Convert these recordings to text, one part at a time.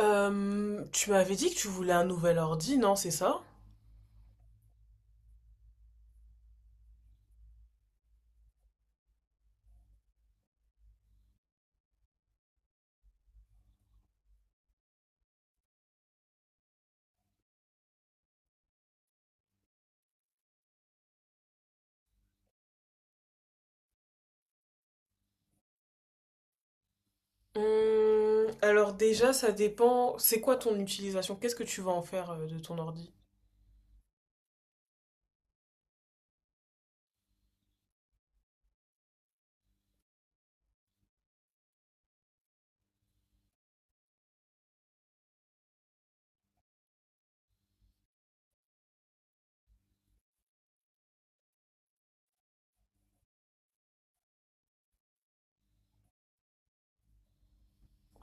Tu m'avais dit que tu voulais un nouvel ordi, non, c'est ça? Alors déjà, ça dépend. C'est quoi ton utilisation? Qu'est-ce que tu vas en faire de ton ordi?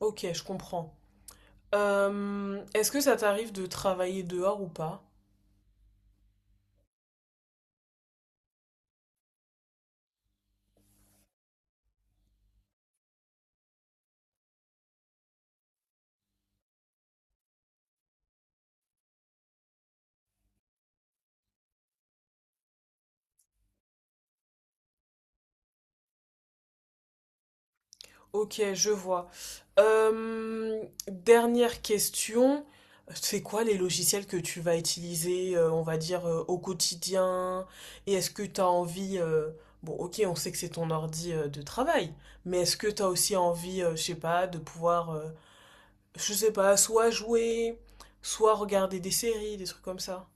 Ok, je comprends. Est-ce que ça t'arrive de travailler dehors ou pas? Ok, je vois. Euh, Dernière question. C'est quoi les logiciels que tu vas utiliser, on va dire, au quotidien? Et est-ce que tu as envie, bon, ok, on sait que c'est ton ordi, de travail, mais est-ce que tu as aussi envie, je sais pas, de pouvoir, je sais pas, soit jouer, soit regarder des séries, des trucs comme ça?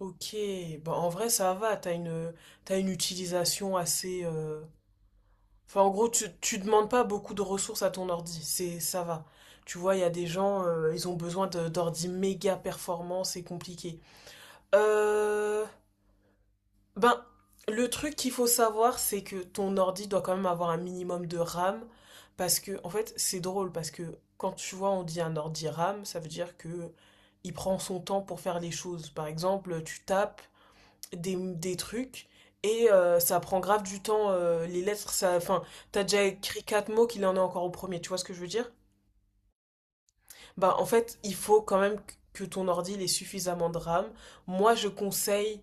Ok, bah en vrai ça va, t'as une utilisation assez, enfin, en gros, tu demandes pas beaucoup de ressources à ton ordi, c'est ça va. Tu vois, il y a des gens, ils ont besoin d'ordi méga performants, c'est compliqué. Euh, ben, le truc qu'il faut savoir, c'est que ton ordi doit quand même avoir un minimum de RAM, parce que, en fait, c'est drôle, parce que quand tu vois, on dit un ordi RAM, ça veut dire que il prend son temps pour faire les choses. Par exemple, tu tapes, des trucs et ça prend grave du temps, les lettres ça, enfin, t'as déjà écrit quatre mots qu'il en est encore au premier, tu vois ce que je veux dire. Bah en fait il faut quand même que ton ordi il ait suffisamment de RAM. Moi je conseille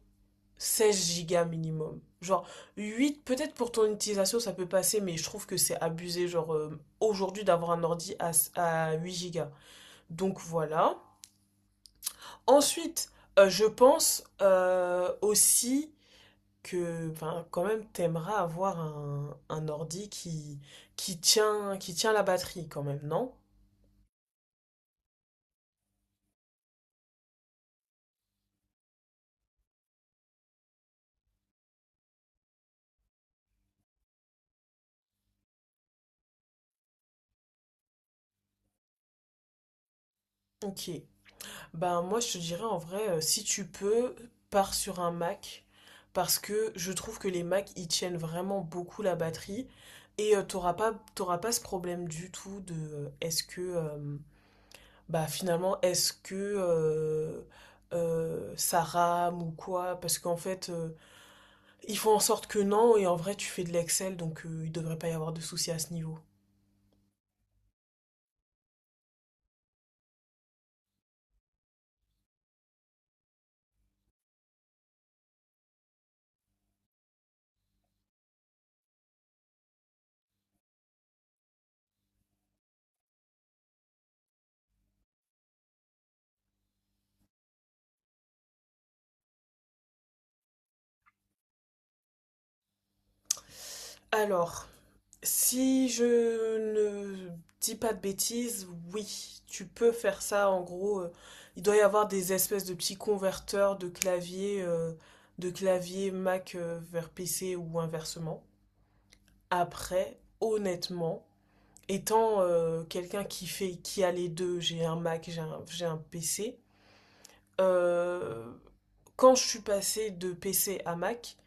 16 gigas minimum, genre 8 peut-être pour ton utilisation ça peut passer, mais je trouve que c'est abusé genre aujourd'hui d'avoir un ordi à 8 gigas. Donc voilà. Ensuite je pense aussi que ben, quand même t'aimeras avoir un ordi qui tient la batterie quand même, non? Ok. Ben moi je te dirais en vrai, si tu peux, pars sur un Mac, parce que je trouve que les Mac ils tiennent vraiment beaucoup la batterie, et t'auras pas ce problème du tout de est-ce que bah finalement est-ce que ça rame ou quoi, parce qu'en fait ils font en sorte que non, et en vrai, tu fais de l'Excel, donc il devrait pas y avoir de soucis à ce niveau. Alors, si je ne dis pas de bêtises, oui, tu peux faire ça. En gros, il doit y avoir des espèces de petits converteurs de clavier Mac, vers PC ou inversement. Après, honnêtement, étant quelqu'un qui a les deux, j'ai un Mac, j'ai un PC. euh, Quand je suis passée de PC à Mac,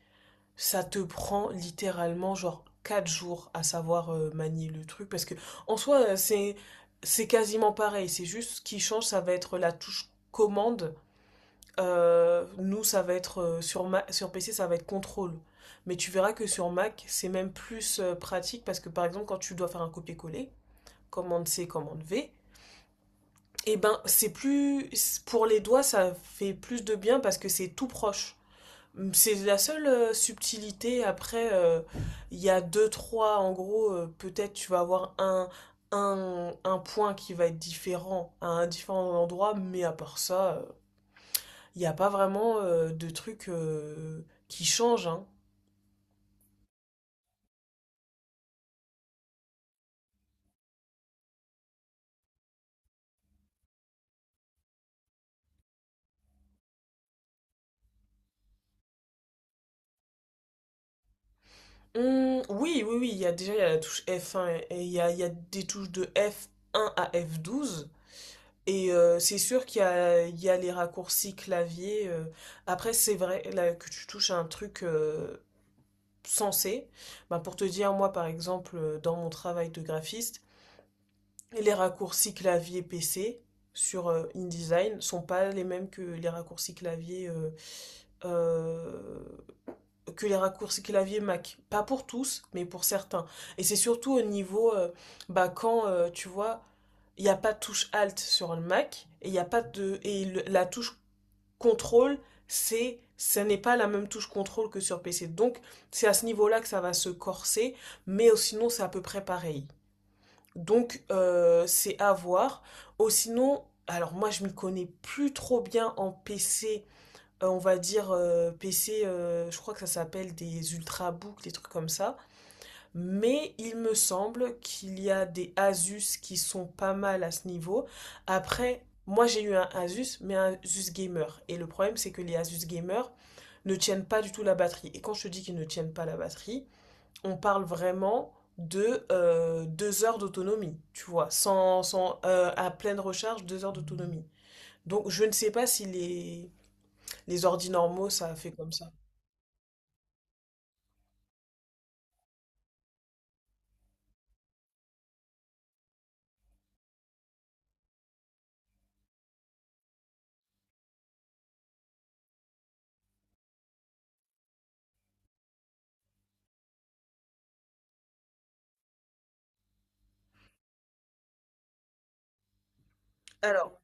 ça te prend littéralement genre 4 jours à savoir manier le truc parce que en soi c'est quasiment pareil, c'est juste ce qui change ça va être la touche commande. Nous ça va être sur PC ça va être contrôle. Mais tu verras que sur Mac, c'est même plus pratique parce que par exemple quand tu dois faire un copier-coller, commande C, commande V, et ben c'est plus pour les doigts, ça fait plus de bien parce que c'est tout proche. C'est la seule subtilité. Après, il y a deux, trois. En gros, peut-être tu vas avoir un point qui va être différent à un différent endroit, mais à part ça, il n'y a pas vraiment de trucs qui changent, hein. Oui, oui, oui, il y a déjà il y a la touche F1 et il y a des touches de F1 à F12. Et c'est sûr qu'il y a, il y a, les raccourcis clavier. Après, c'est vrai là, que tu touches à un truc sensé. Bah, pour te dire, moi par exemple, dans mon travail de graphiste, les raccourcis clavier PC sur InDesign sont pas les mêmes que les raccourcis clavier euh, que les raccourcis clavier Mac. Pas pour tous, mais pour certains. Et c'est surtout au niveau bah, quand tu vois, il n'y a pas de touche Alt sur le Mac et il y a pas de et la touche contrôle, c'est ce n'est pas la même touche contrôle que sur PC. Donc, c'est à ce niveau-là que ça va se corser, mais sinon, c'est à peu près pareil. Donc, c'est à voir. Au sinon, alors moi, je m'y connais plus trop bien en PC, on va dire PC, je crois que ça s'appelle des ultrabooks, des trucs comme ça. Mais il me semble qu'il y a des Asus qui sont pas mal à ce niveau. Après, moi j'ai eu un Asus, mais un Asus Gamer. Et le problème, c'est que les Asus Gamer ne tiennent pas du tout la batterie. Et quand je te dis qu'ils ne tiennent pas la batterie, on parle vraiment de 2 heures d'autonomie, tu vois, sans à pleine recharge, 2 heures d'autonomie. Donc je ne sais pas si les ordi normaux, ça fait comme ça. Alors,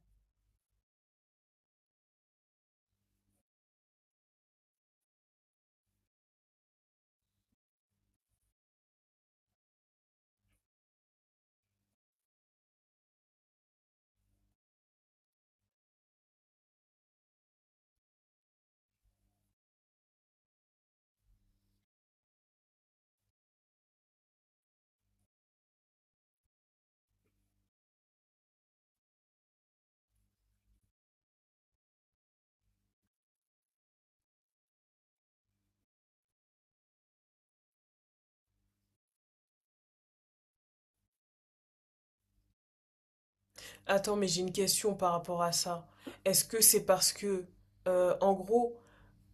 attends, mais j'ai une question par rapport à ça. Est-ce que c'est parce que, en gros,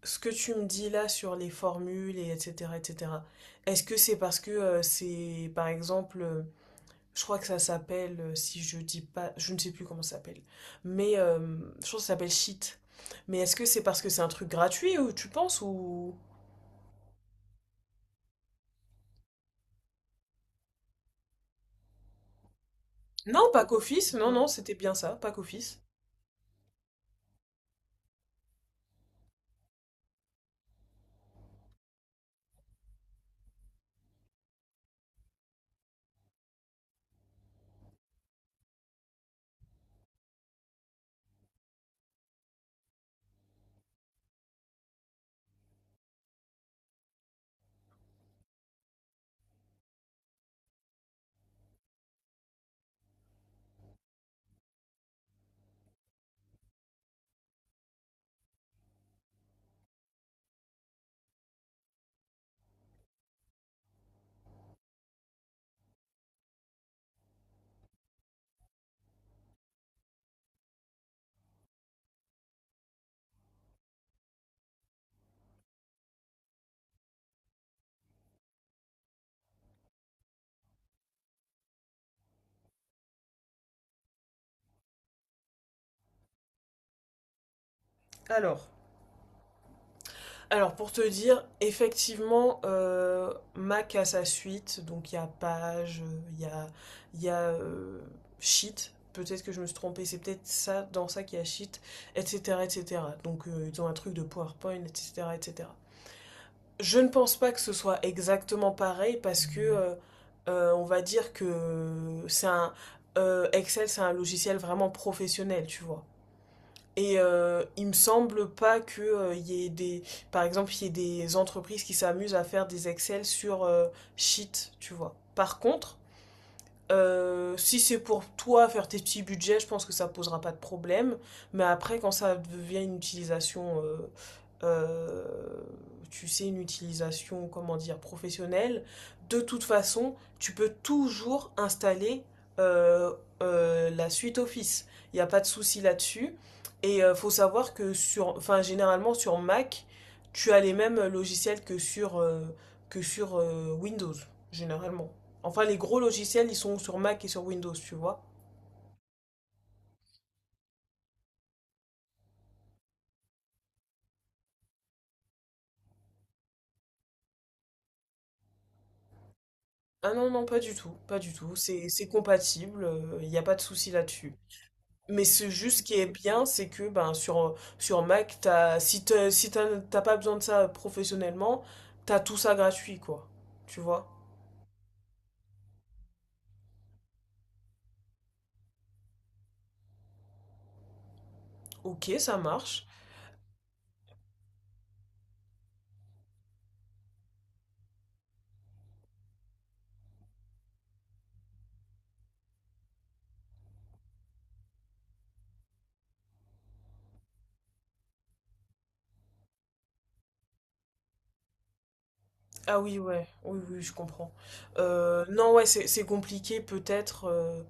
ce que tu me dis là sur les formules et etc., etc., est-ce que c'est parce que c'est, par exemple, je crois que ça s'appelle, si je dis pas, je ne sais plus comment ça s'appelle, mais je crois que ça s'appelle sheet. Mais est-ce que c'est parce que c'est un truc gratuit ou tu penses ou... Non, pas qu'office, non, non, c'était bien ça, pas qu'office. Alors. Alors pour te dire, effectivement, Mac a sa suite, donc il y a Page, il y a, Sheet, peut-être que je me suis trompée, c'est peut-être ça, dans ça qu'il y a Sheet, etc. etc. Donc ils ont un truc de PowerPoint, etc. etc. Je ne pense pas que ce soit exactement pareil parce que on va dire que c'est un, Excel c'est un logiciel vraiment professionnel, tu vois. Et il me semble pas que il y ait des, par exemple, il y ait des entreprises qui s'amusent à faire des Excel sur Sheet, tu vois. Par contre, si c'est pour toi faire tes petits budgets, je pense que ça posera pas de problème. Mais après, quand ça devient une utilisation, euh, tu sais, une utilisation, comment dire, professionnelle, de toute façon, tu peux toujours installer euh, la suite Office. Il n'y a pas de souci là-dessus. Et faut savoir que sur, enfin, généralement sur Mac, tu as les mêmes logiciels que sur Windows, généralement. Enfin, les gros logiciels, ils sont sur Mac et sur Windows, tu vois. Ah non, non, pas du tout, pas du tout. C'est compatible, il n'y a pas de souci là-dessus. Mais c'est juste ce qui est bien, c'est que ben, sur Mac, t'as, si t'as, si t'as- t'as pas besoin de ça professionnellement, t'as tout ça gratuit, quoi. Tu vois? Ok, ça marche. Ah oui, ouais, oui, oui, je comprends. Non, ouais, c'est compliqué peut-être,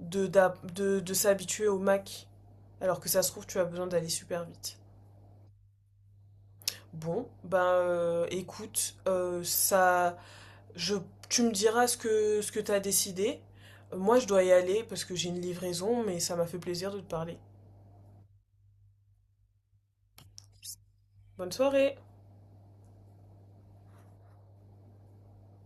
de s'habituer au Mac, alors que ça se trouve, tu as besoin d'aller super vite. Bon, ben écoute, ça, je, tu me diras ce que t'as décidé. Moi, je dois y aller parce que j'ai une livraison, mais ça m'a fait plaisir de te parler. Bonne soirée.